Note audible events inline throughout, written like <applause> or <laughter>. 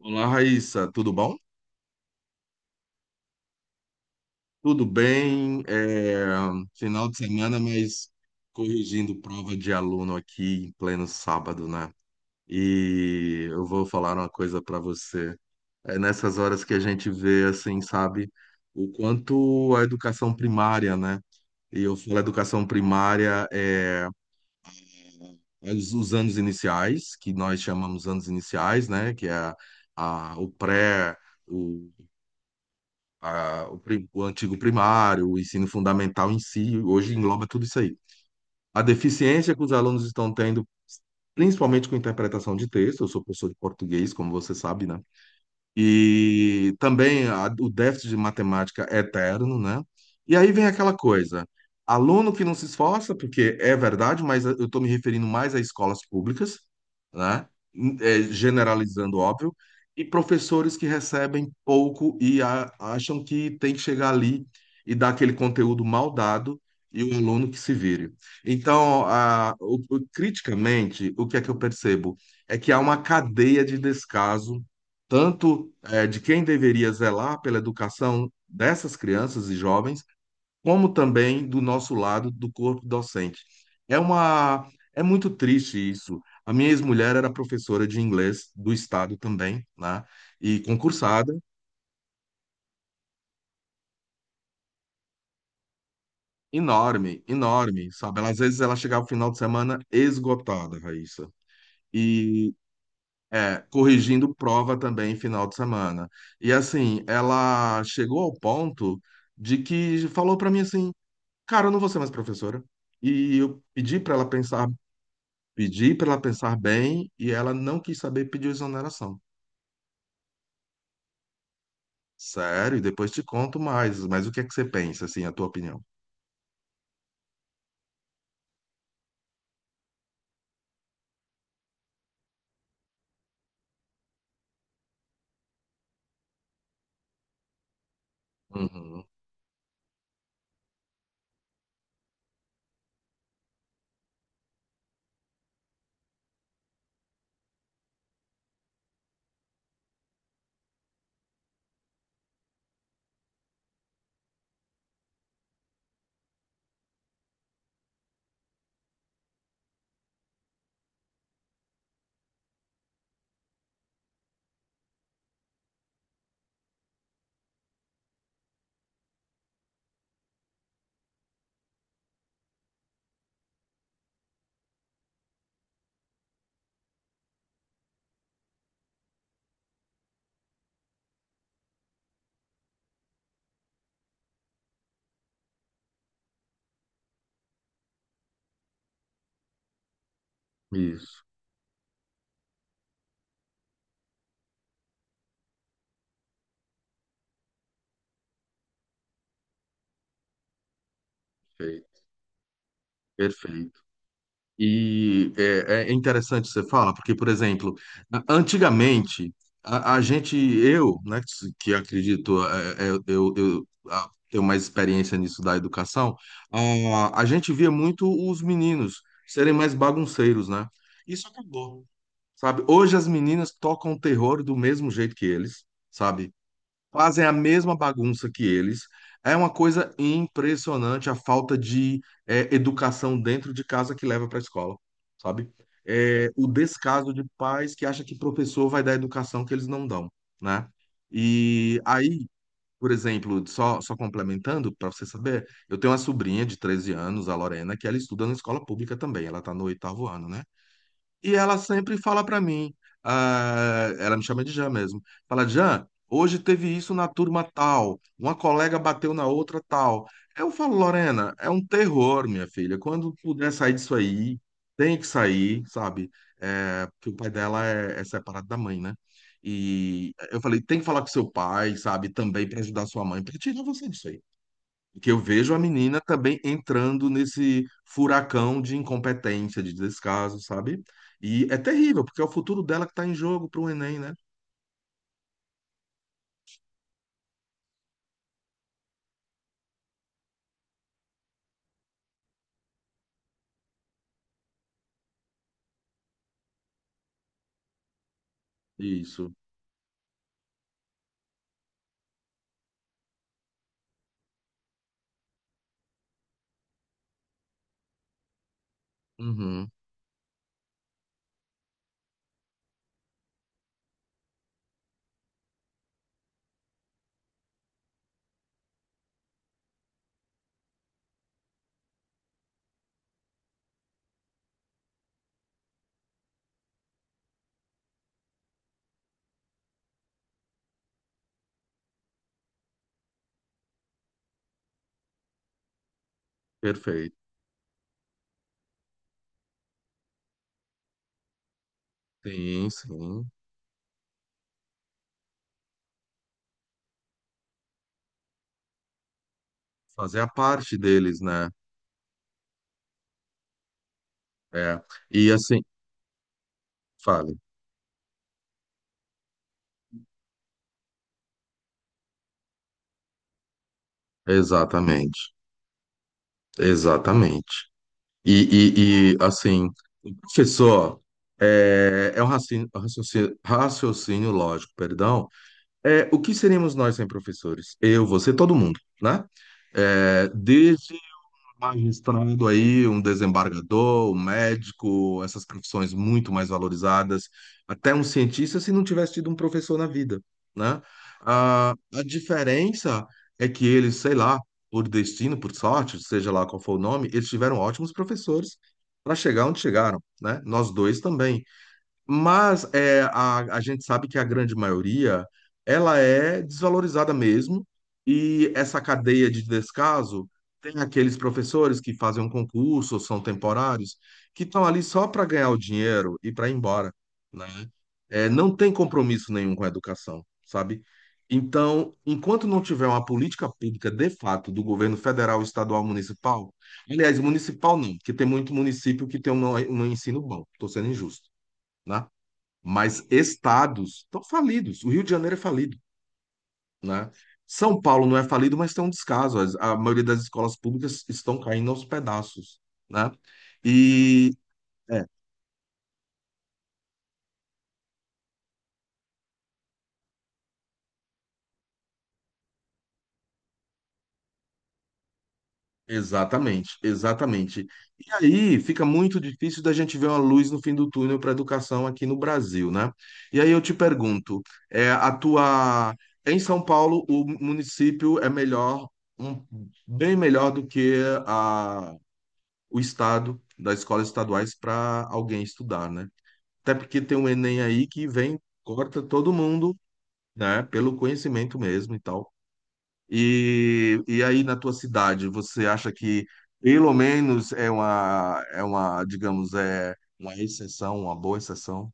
Olá, Raíssa, tudo bom? Tudo bem, final de semana, mas corrigindo prova de aluno aqui em pleno sábado, né? E eu vou falar uma coisa para você. É nessas horas que a gente vê, assim, sabe, o quanto a educação primária, né? E eu falo educação primária, é os anos iniciais, que nós chamamos anos iniciais, né? Que é o pré, o, o antigo primário, o ensino fundamental em si, hoje engloba tudo isso aí. A deficiência que os alunos estão tendo, principalmente com interpretação de texto, eu sou professor de português, como você sabe, né? E também o déficit de matemática é eterno, né? E aí vem aquela coisa, aluno que não se esforça, porque é verdade, mas eu estou me referindo mais a escolas públicas, né? É, generalizando, óbvio, e professores que recebem pouco e acham que tem que chegar ali e dar aquele conteúdo mal dado e o aluno que se vire. Então, criticamente, o que é que eu percebo? É que há uma cadeia de descaso tanto de quem deveria zelar pela educação dessas crianças e jovens, como também do nosso lado, do corpo docente. É uma, é muito triste isso. A minha ex-mulher era professora de inglês do estado também, né? E concursada, enorme, enorme, sabe? Ela, às vezes ela chegava no final de semana esgotada, Raíssa. E é, corrigindo prova também final de semana. E assim, ela chegou ao ponto de que falou para mim assim: cara, eu não vou ser mais professora. E eu pedi para ela pensar, pedi para ela pensar bem e ela não quis saber, pediu exoneração. Sério, e depois te conto mais, mas o que é que você pensa, assim, a tua opinião? Uhum. Isso, perfeito. Perfeito. E é interessante você fala, porque, por exemplo, antigamente, a gente, eu, né, que acredito, tenho mais experiência nisso da educação, a gente via muito os meninos serem mais bagunceiros, né? Isso acabou, sabe? Hoje as meninas tocam terror do mesmo jeito que eles, sabe? Fazem a mesma bagunça que eles. É uma coisa impressionante a falta de educação dentro de casa que leva para a escola, sabe? É, o descaso de pais que acha que professor vai dar educação que eles não dão, né? E aí, por exemplo, só complementando, para você saber, eu tenho uma sobrinha de 13 anos, a Lorena, que ela estuda na escola pública também, ela está no oitavo ano, né? E ela sempre fala pra mim, ah, ela me chama de Jean mesmo. Fala, Jean, hoje teve isso na turma tal, uma colega bateu na outra tal. Eu falo, Lorena, é um terror, minha filha. Quando puder sair disso aí, tem que sair, sabe? É, porque o pai dela é separado da mãe, né? E eu falei, tem que falar com seu pai, sabe? Também pra ajudar sua mãe, pra tirar você disso aí, que eu vejo a menina também entrando nesse furacão de incompetência, de descaso, sabe? E é terrível, porque é o futuro dela que está em jogo para o Enem, né? Isso. Uhum, perfeito. Sim, sim. Fazer a parte deles, né? É. E assim, fale. Exatamente. Exatamente. E, assim, professor, raciocínio, raciocínio lógico, perdão. É, o que seríamos nós sem professores? Eu, você, todo mundo, né? É, desde magistrado aí, um desembargador, um médico, essas profissões muito mais valorizadas, até um cientista se não tivesse tido um professor na vida, né? Ah, a diferença é que eles, sei lá, por destino, por sorte, seja lá qual for o nome, eles tiveram ótimos professores para chegar onde chegaram, né? Nós dois também. Mas é, a gente sabe que a grande maioria ela é desvalorizada mesmo, e essa cadeia de descaso tem aqueles professores que fazem um concurso, ou são temporários, que estão ali só para ganhar o dinheiro e para ir embora, né? É, não tem compromisso nenhum com a educação, sabe? Então, enquanto não tiver uma política pública de fato do governo federal, estadual, municipal, aliás, municipal não, porque tem muito município que tem um ensino bom, estou sendo injusto, né? Mas estados estão falidos. O Rio de Janeiro é falido, né? São Paulo não é falido, mas tem um descaso. A maioria das escolas públicas estão caindo aos pedaços, né? E é, exatamente, exatamente. E aí fica muito difícil da gente ver uma luz no fim do túnel para a educação aqui no Brasil, né? E aí eu te pergunto, é, a tua em São Paulo o município é melhor, um- bem melhor do que o estado das escolas estaduais para alguém estudar, né? Até porque tem um Enem aí que vem, corta todo mundo, né? Pelo conhecimento mesmo e tal. E aí na tua cidade, você acha que pelo menos é uma, digamos, é uma exceção, uma boa exceção,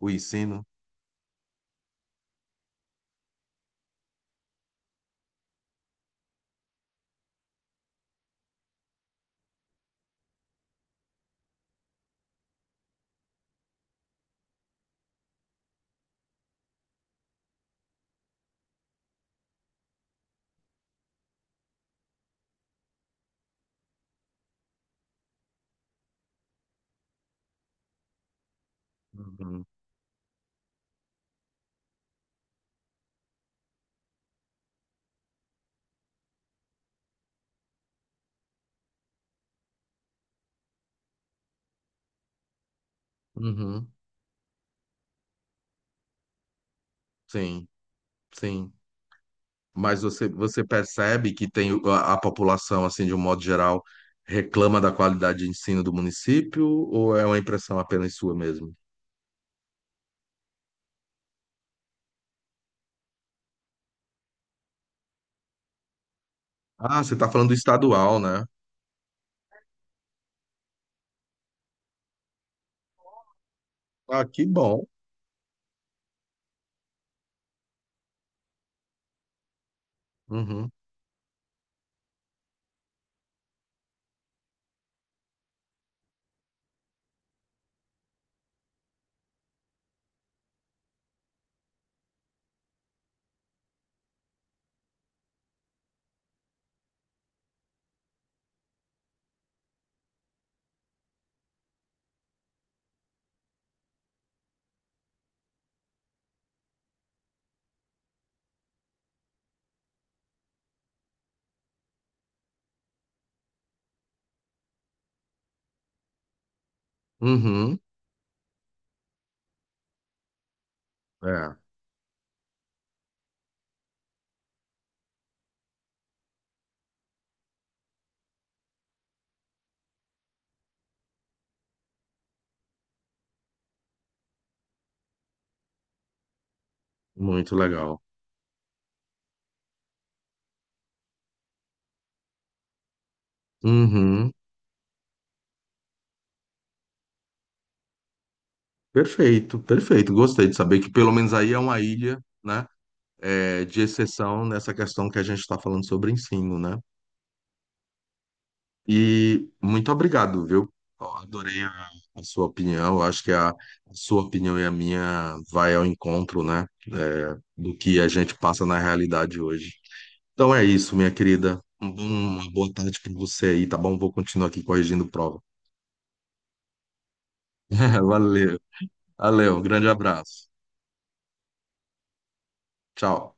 o ensino? Uhum. Uhum. Sim, sim. Mas você percebe que tem a população, assim, de um modo geral, reclama da qualidade de ensino do município, ou é uma impressão apenas sua mesmo? Ah, você está falando do estadual, né? Ah, que bom. Uhum. Uhum. É, muito legal. Uhum. Perfeito, perfeito. Gostei de saber que pelo menos aí é uma ilha, né? É, de exceção nessa questão que a gente está falando sobre ensino, né? E muito obrigado, viu? Ó, adorei a sua opinião. Eu acho que a sua opinião e a minha vai ao encontro, né? É, do que a gente passa na realidade hoje. Então é isso, minha querida. Uma boa tarde para você aí, tá bom? Vou continuar aqui corrigindo prova. <laughs> Valeu, valeu. Um grande abraço. Tchau.